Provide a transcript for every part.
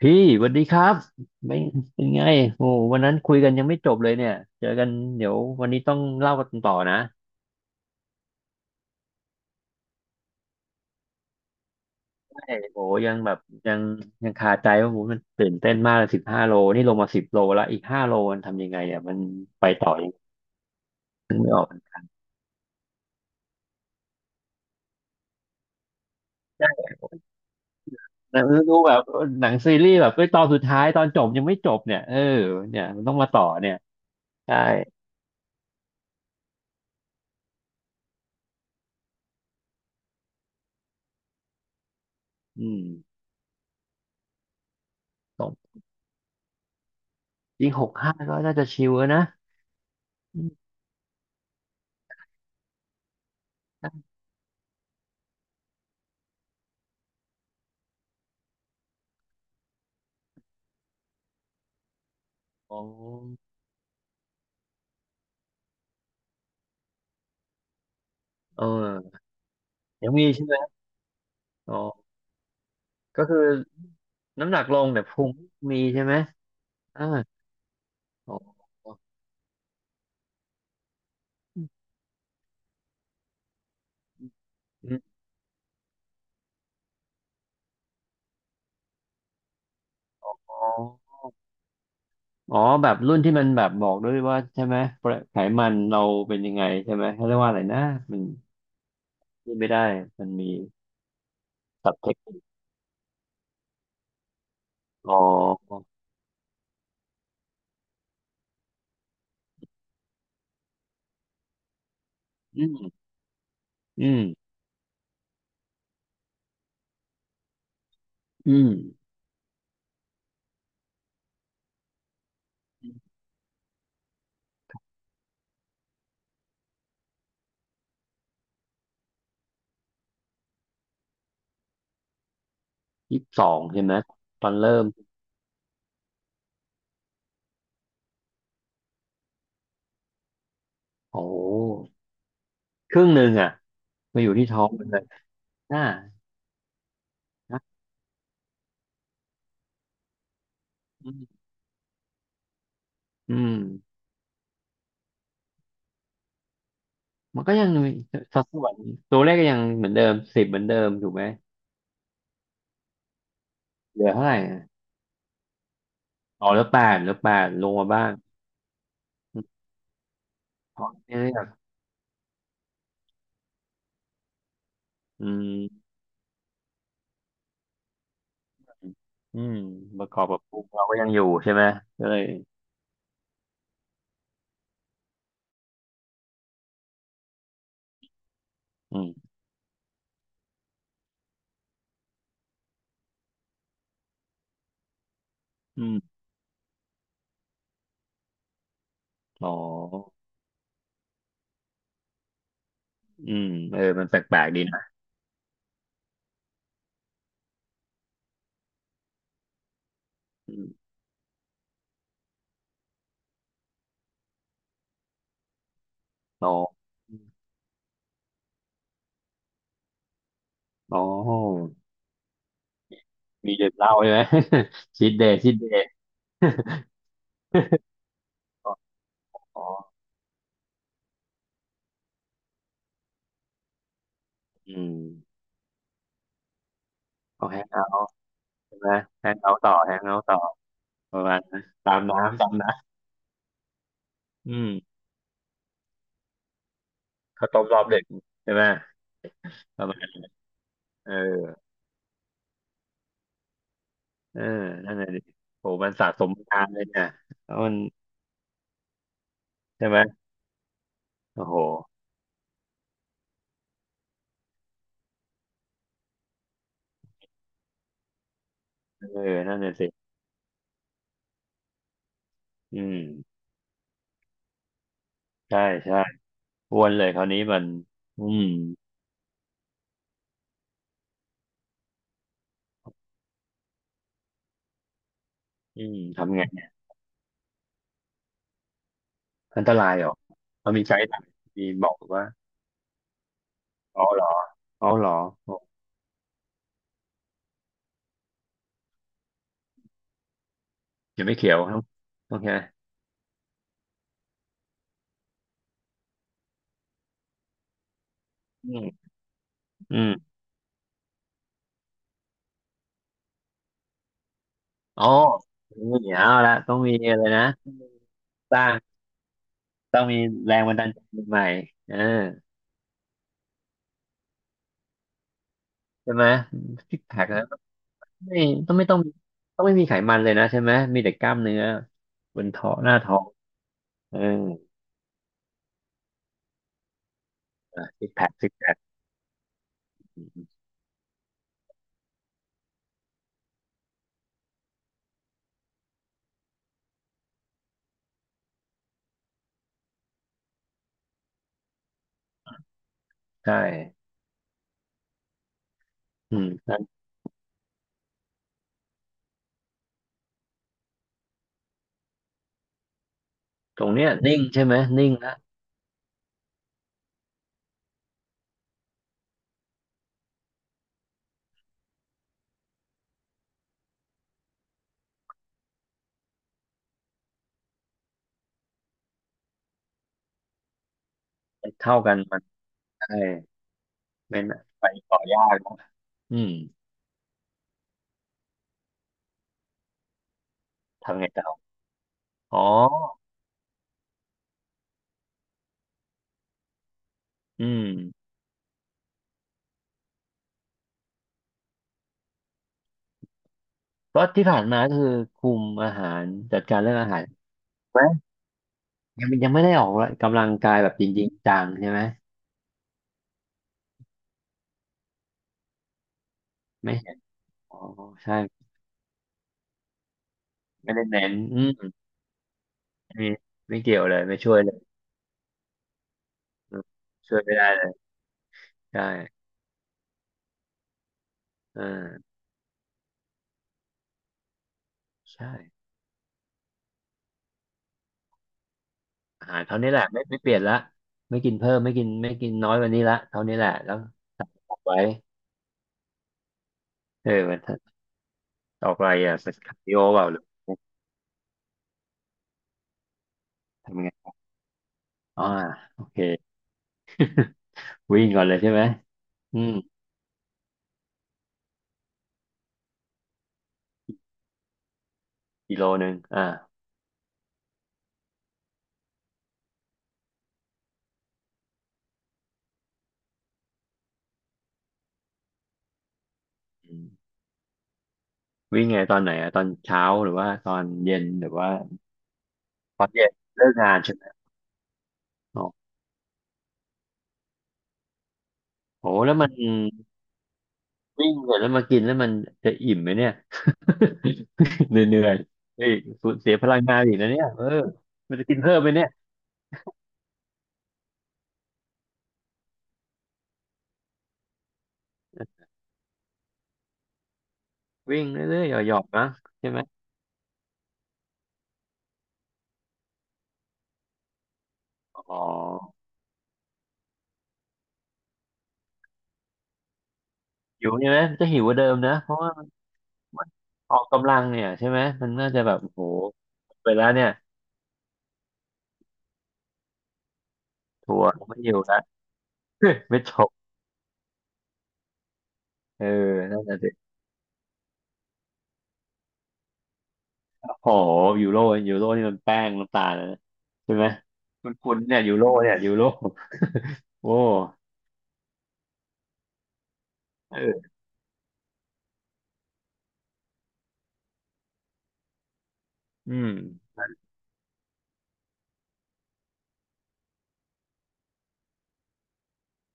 พี่สวัสดีครับไม่เป็นไงโอ้วันนั้นคุยกันยังไม่จบเลยเนี่ยเจอกันเดี๋ยววันนี้ต้องเล่ากันต่อนะใช่โอ้ยังแบบยังยังคาใจว่าโอ้มันตื่นเต้นมากเลย15 โลนี่ลงมา10 โลแล้วอีกห้าโลมันทำยังไงอ่ะมันไปต่อยังนึกไม่ออกใช่หนังดูแบบหนังซีรีส์แบบเอ้ยตอนสุดท้ายตอนจบยังไม่จบเนี่ยเออเนี่ยมันต้องมาต่อเนี่ยใช่อืมตรงอีกหกห้าก็น่าจะชิวแล้วนะอืมใช่อ๋อเออยังมีใช่ไหมอ๋อ ก็คือน้ำหนักลงแต่พุงมีใช่ไหมอ่าอ๋ออืมอ๋ออ๋อแบบรุ่นที่มันแบบบอกด้วยว่าใช่ไหมไขมันเราเป็นยังไงใช่ไหมเขาเรียกว่าอะไรนะมันพูดไม่ได้มันมีศัพท์เทคนิคอ๋ออืมอืมอืม22ใช่ไหมตอนเริ่มโอ้โหครึ่งหนึ่งอ่ะมาอยู่ที่ท้องมันเลยอ่านะอืมอืม มันก็ยังมีสัดส่วนตัวเลขก็ยังเหมือนเดิมสิบเหมือนเดิมถูกไหมเหลือเท่าไหร่อ่ะอ๋อแล้วแปดแล้วแปดลงมาบ้างอืมขอให้เลือกอืมอืมประกอบกับปรุงเราก็ยังอยู่ใช่ไหมก็เลยอืมอืมอ๋ออืมเออมันแปลกๆดีนะอืมอ๋ออ๋อมีเด็กเล่าใช่ไหม ชิดเดย์ชิดเดย์ อ๋ออออืมเอาแฮงเอาท์ใช่ไหมแฮงเอาท์ต่อแฮงเอาท์ต่อประมาณนั้นตามน้ำตามน้ อืมข้าวต้มรอบเด็กใช่ไหมประมาณนั้นเออเออนั่นหละดิโหมันสะสมมานานเลยเนี่ยแล้วมันใช่ไหมโอ้โหเออนั่นนละสิอืมใช่ใช่อ้วนเลยคราวนี้มันอืมอืมทำไงเนี่ยอันตรายเหรอมันมีไกด์ไลน์มีบอกว่าอ๋อเหรออ๋อเหรอโอ้ยังไม่เขียวครับโอเคอืมอืมอ๋อนี่เอาละต้องมีอะไรนะสร้างต้องมีแรงบันดาลใจใหม่ๆเออ ใช่ไหมซิกแพคนะต้องไม่ต้องไม่ต้องต้องไม่มีไขมันเลยนะใช่ไหมมีแต่กล้ามเนื้อบนท้องหน้าท้องเออซิกแพคซิกแพคใช่อืมนั้นตรงเนี้ยนิ่งใช่ไหมนิ่งนะมันเท่ากันมันใช่ไม่น่ไปต่อยากนะอืมทำไงต่ออ๋ออืมก็ที่ผ่านมาก็คือคุมอาหารจัดการเรื่องอาหารใช่ไหมยังยังไม่ได้ออกกำลังกายแบบจริงๆจังใช่ไหมไม่เห็นอ๋อใช่ไม่ได้เน้นอืม ไม่ไม่เกี่ยวเลยไม่ช่วยเลยอืมช่วยไม่ได้เลยใช่อ่าใช่อาหารเท่านี้แหละไม่ไม่เปลี่ยนละไม่กินเพิ่มไม่กินไม่กินน้อยกวันนี้ละเท่านี้แหละแล้วออกไว้เออมันออกไปอ่ะสคาร์ดิโอเปล่าหรือทำไงอ่าโอเควิ่งก่อนเลยใช่ไหมอืมกิโลหนึ่งอ่าอืมวิ่งไงตอนไหนอ่ะตอนเช้าหรือว่าตอนเย็นหรือว่าตอนเย็นเลิกงานใช่ไหมอ๋อโหแล้วมัน วิ่งเสร็จแล้วมากินแล้วมันจะอิ่มไหมเนี่ย เหนื่อยๆเฮ้ยสูญเสียพลังงานอีกนะเนี่ยเออมันจะกินเพิ่มไหมเนี่ยวิ่งเรื่อยๆหยอกๆนะใช่ไหมอ๋อหิวใช่ไหมจะหิวกว่าเดิมนะเพราะว่ามันมันออกกำลังเนี่ยใช่ไหมมันน่าจะแบบโอ้โหไปแล้วเนี่ยถั่วไม่หิวแล้ว ไม่จบเออนั่นน่ะสิโอ้โหยูโรยูโรนี่มันแป้งน้ำตาลนะใช่ไหมคุณคุณเนี่ยยูโรเนี่ยยูโรโอ้เอออืม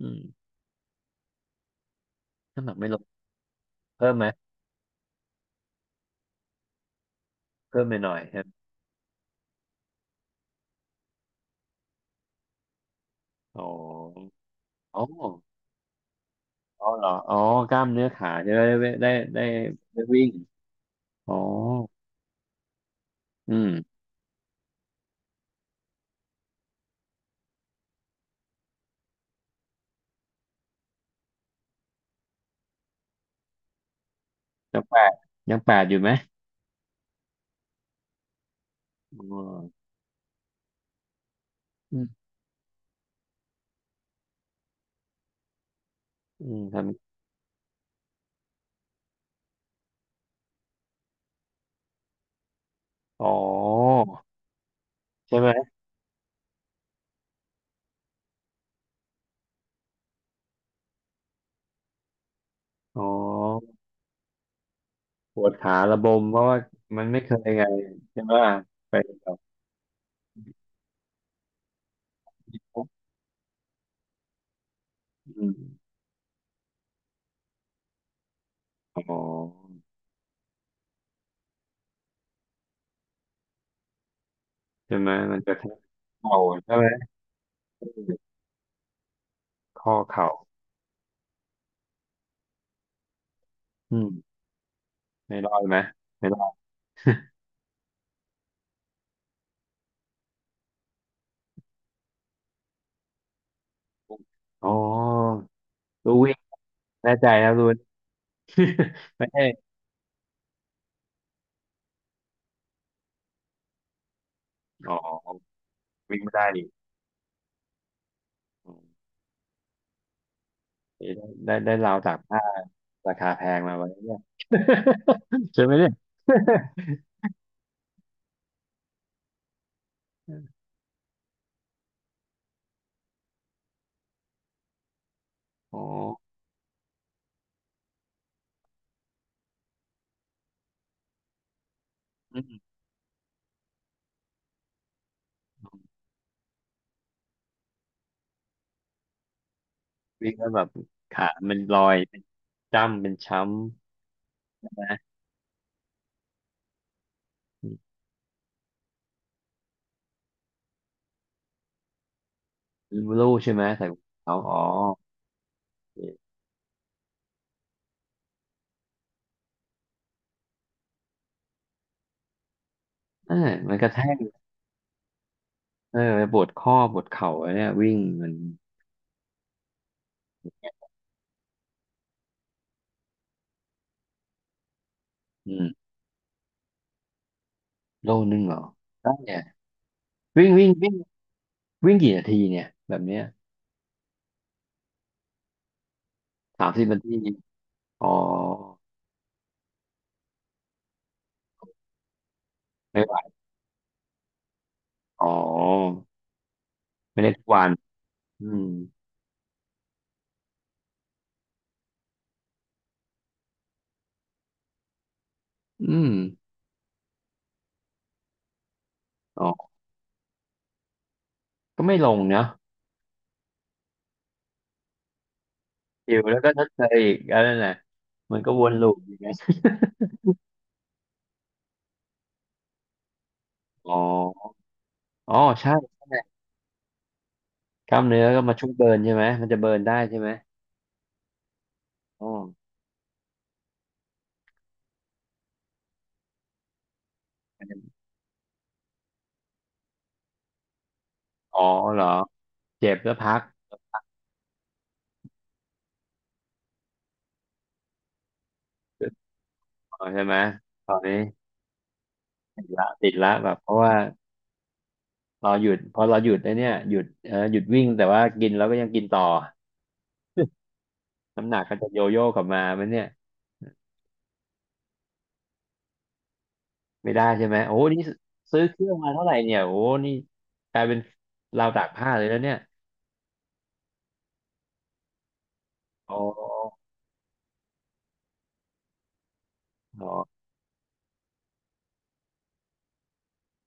อืมน้ำหนักไม่ล เพิ่มไหมเพิ่มไปหน่อยใช่ไหมอ๋ออ๋ออ๋อเหรออ๋อกล้ามเนื้อขาจะได้ได้ได้ได้วิ่งอ๋ออืมยังแปดยังแปดอยู่ไหมอ๋ออืมอืมทำอ๋อใช่ไหมอ๋อปวดขาระบมเพราะว่ามันไม่เคยไงใช่ไหมไปแบบอืมอ๋อใช่ไหมมันจะทั้งเข่าใช่ไหมข้อเข่าอืมไม่รอดไหมไม่รอด อ๋อรู้วิ่ง แน่ใจครับรุน ไม่ใช่อ๋อวิ่งไม่ได้ดิอืมได้ได้ได้ราวตากผ้าราคาแพงมาไว้เนี่ย ใช่ไหมเนี่ย อ๋ออืมวิ่งแล้วแบบขามันลอยเป็นจ้ำเป็นช้ำอืมรูใช่ไหมใส่รองเท้าอ๋อโอเคเออมันกระแทกเออปวดข้อปวดเข่าไอ้เนี่ยวิ่งมันอืมโลนึงเหรอได้เนี่ยวิ่งวิ่งวิ่งวิ่งกี่นาทีเนี่ยแบบเนี้ย30 นาทีอ๋อ อ๋อไม่ได้ทุกวันอืมอืมอ๋อก็ไม่ลงเนาะอยู่แล้วก็ทดเชยอีกอันนั้นแหละมันก็วนลูปอย่าง เงี้ยอ๋ออ๋อใช่ใช่กล้ามเนื้อก็มาช่วยเบิร์นใช่ไหมมันจะเบิร์นได้ใช่ไหมอ๋อมันจะอ๋อเหรอเจ็บแล้วพักอ๋อใช่ไหมตอนนี้ติดละแบบเพราะว่าเราหยุดพอเราหยุดไอ้เนี่ยหยุดหยุดวิ่งแต่ว่ากินแล้วก็ยังกินต่อน้ำหนักก็จะโยโย่กลับมาไหมันเนี่ย ไม่ได้ใช่ไหมโอ้นี่ซื้อเครื่องมาเท่าไหร่เนี่ยโอ้นี่กลายเป็นราวตากผ้าเลยแล้วเนี่ยอ๋ออ๋อ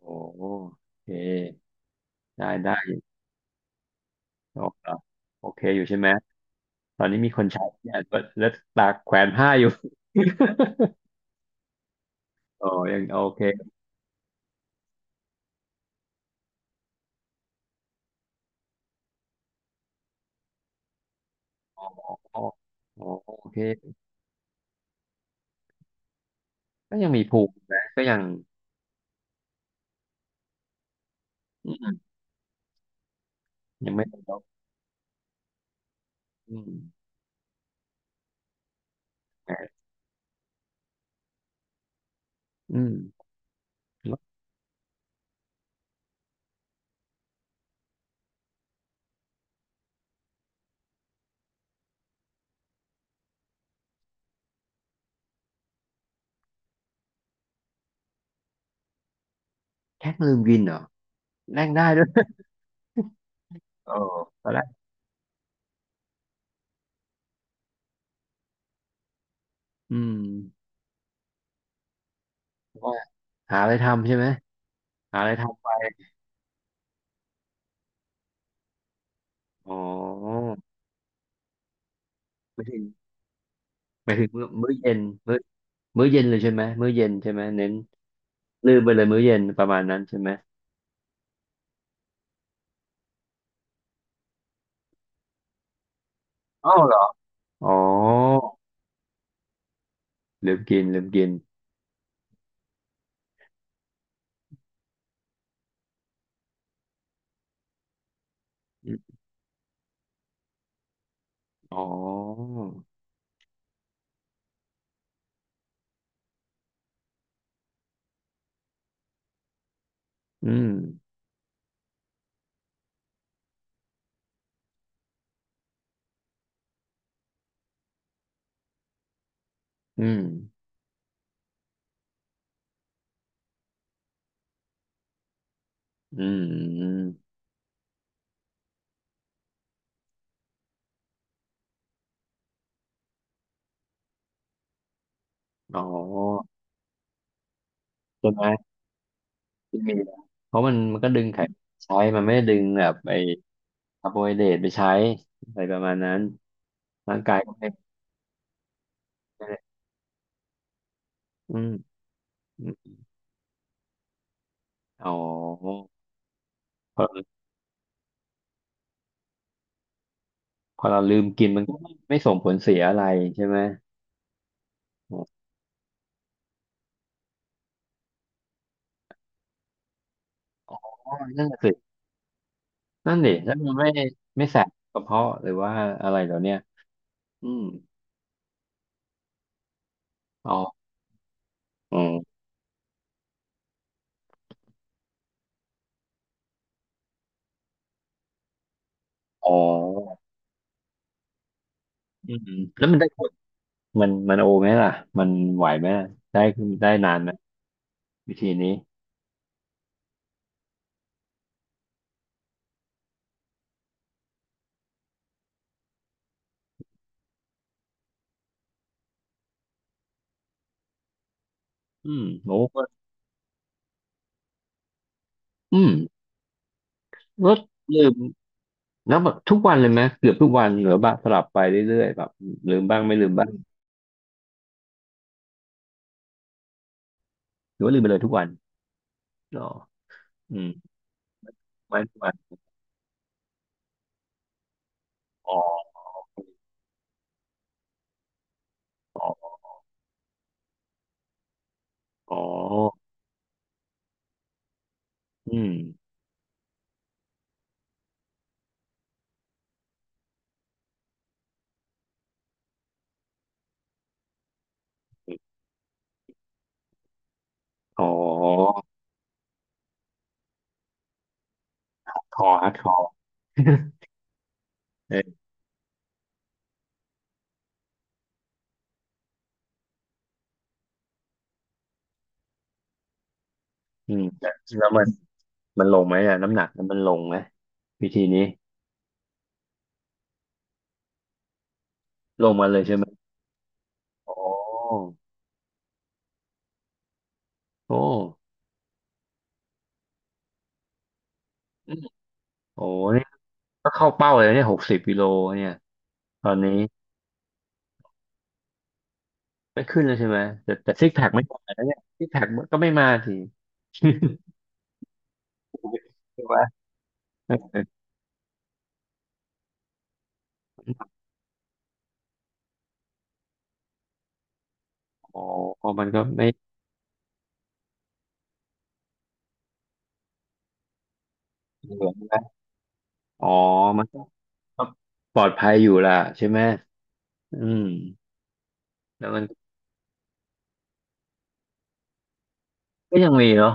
โอ้โอเคได้ได้โอเคโอเคอยู่ใช่ไหมตอนนี้มีคนใช้เนี่ยแล้วตากแขวนผ้าอยู่ อ๋อยังโอเคอ๋ออ๋ออ๋อโอเคก็ยังมีภูมินะก็ยังอืมยังไม่เป็นลบอืมแหมอืมแล้วแค่ลืมกินเหรอแลกได้ด้วย เออตอนแรกอืมว่าหาอะไรทำใช่ไหม หาอะไรทำไปอ๋อไม่ถึงไม่ถึงมื้อมื้อเย็น มื้อมื้อเย็นเลยใช่ไหมมื้อเย็นใช่ไหมเน้นลืมไปเลยมื้อเย็นประมาณนั้นใช่ไหมอ้าวเหรออ๋อลืมกินอมอ๋ออืมอืมอืมอืมอ๋อใช่ไหมที่มีนะเพราะมันก็ดึงไขมันใช้มันไม่ได้ดึงแบบไอ้คาร์โบไฮเดรตไปใช้อะไรประมาณนั้นร่างกายก็ไม่ได้อืมอมอ๋อ พอเราลืมกินมันก็ไม่ส่งผลเสียอะไรใช่ไหมอ๋อนั่นน่ะสินั่นดิแล้วมันไม่ไม่แสบกระเพาะหรือว่าอะไรเหล่าเนี้ยอืมอ๋ออืมอ๋ออืมแล้วมันได้ผลมันโอไหมล่ะมันไหวไหมล่ะได้ได้นานไหมวิธีนี้อืมโอ้ก็อืมลดลืมแล้วแบบทุกวันเลยไหมเกือบทุกวันหรือว่างสลับไปเรื่อยๆแบบลืมบ้างไม่ลืมบ้างหรือว่าลืมไปเลยทุกวันอ๋ออืมไว้ทุกวันอ๋ออ๋ออ๋ออืม อ๋อคอดคอร์ เอออืมแต่แล้วมันมันลงไหมอะน้ำหนักมันลงไหมวิธีนี้ลงมาเลยใช่ไหมโอ้โอ้อืมโอ้นี่ก็เข้าเป้าเลยเนี่ย60 กิโลเนี่ยตอนนี้ไม่ขึ้นเลยใช่ไหมแต่ซิกแพคไม่มาแล้วเนี่ยซิกแพคมันก็ไม่มาทีใช่ไหมเอออ๋ออ๋อมันก็ไม่เหลือนะอ๋อมันก็ปลอดภัยอยู่ล่ะใช่ไหมอืมแล้วมันก็ยังมีเนาะ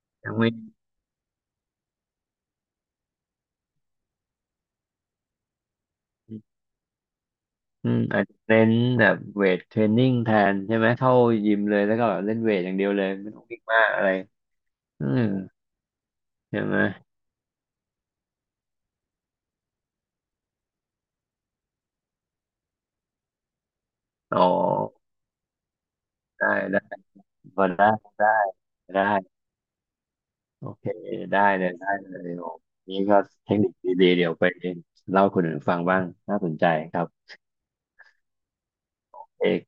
ยังมี อืมอาจจะเน้นแบบเวทเทรนนิ่งแทนใช่ไหมเข้ายิมเลยแล้วก็แบบเล่นเวทอย่างเดียวเลยไม่ต้องวิ่งมากอะไรอืมใช่ไหมอ๋อได้ได้พอได้ได้ได้โอเคได้เลยได้เลยโอ้นี่ก็เทคนิคดีๆเดี๋ยวไปเล่าให้คนอื่นฟังบ้างน่าสนใจครับเอก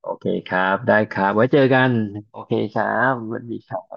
โอเคครับได้ครับไว้เจอกันโอเคครับสวัสดีครับ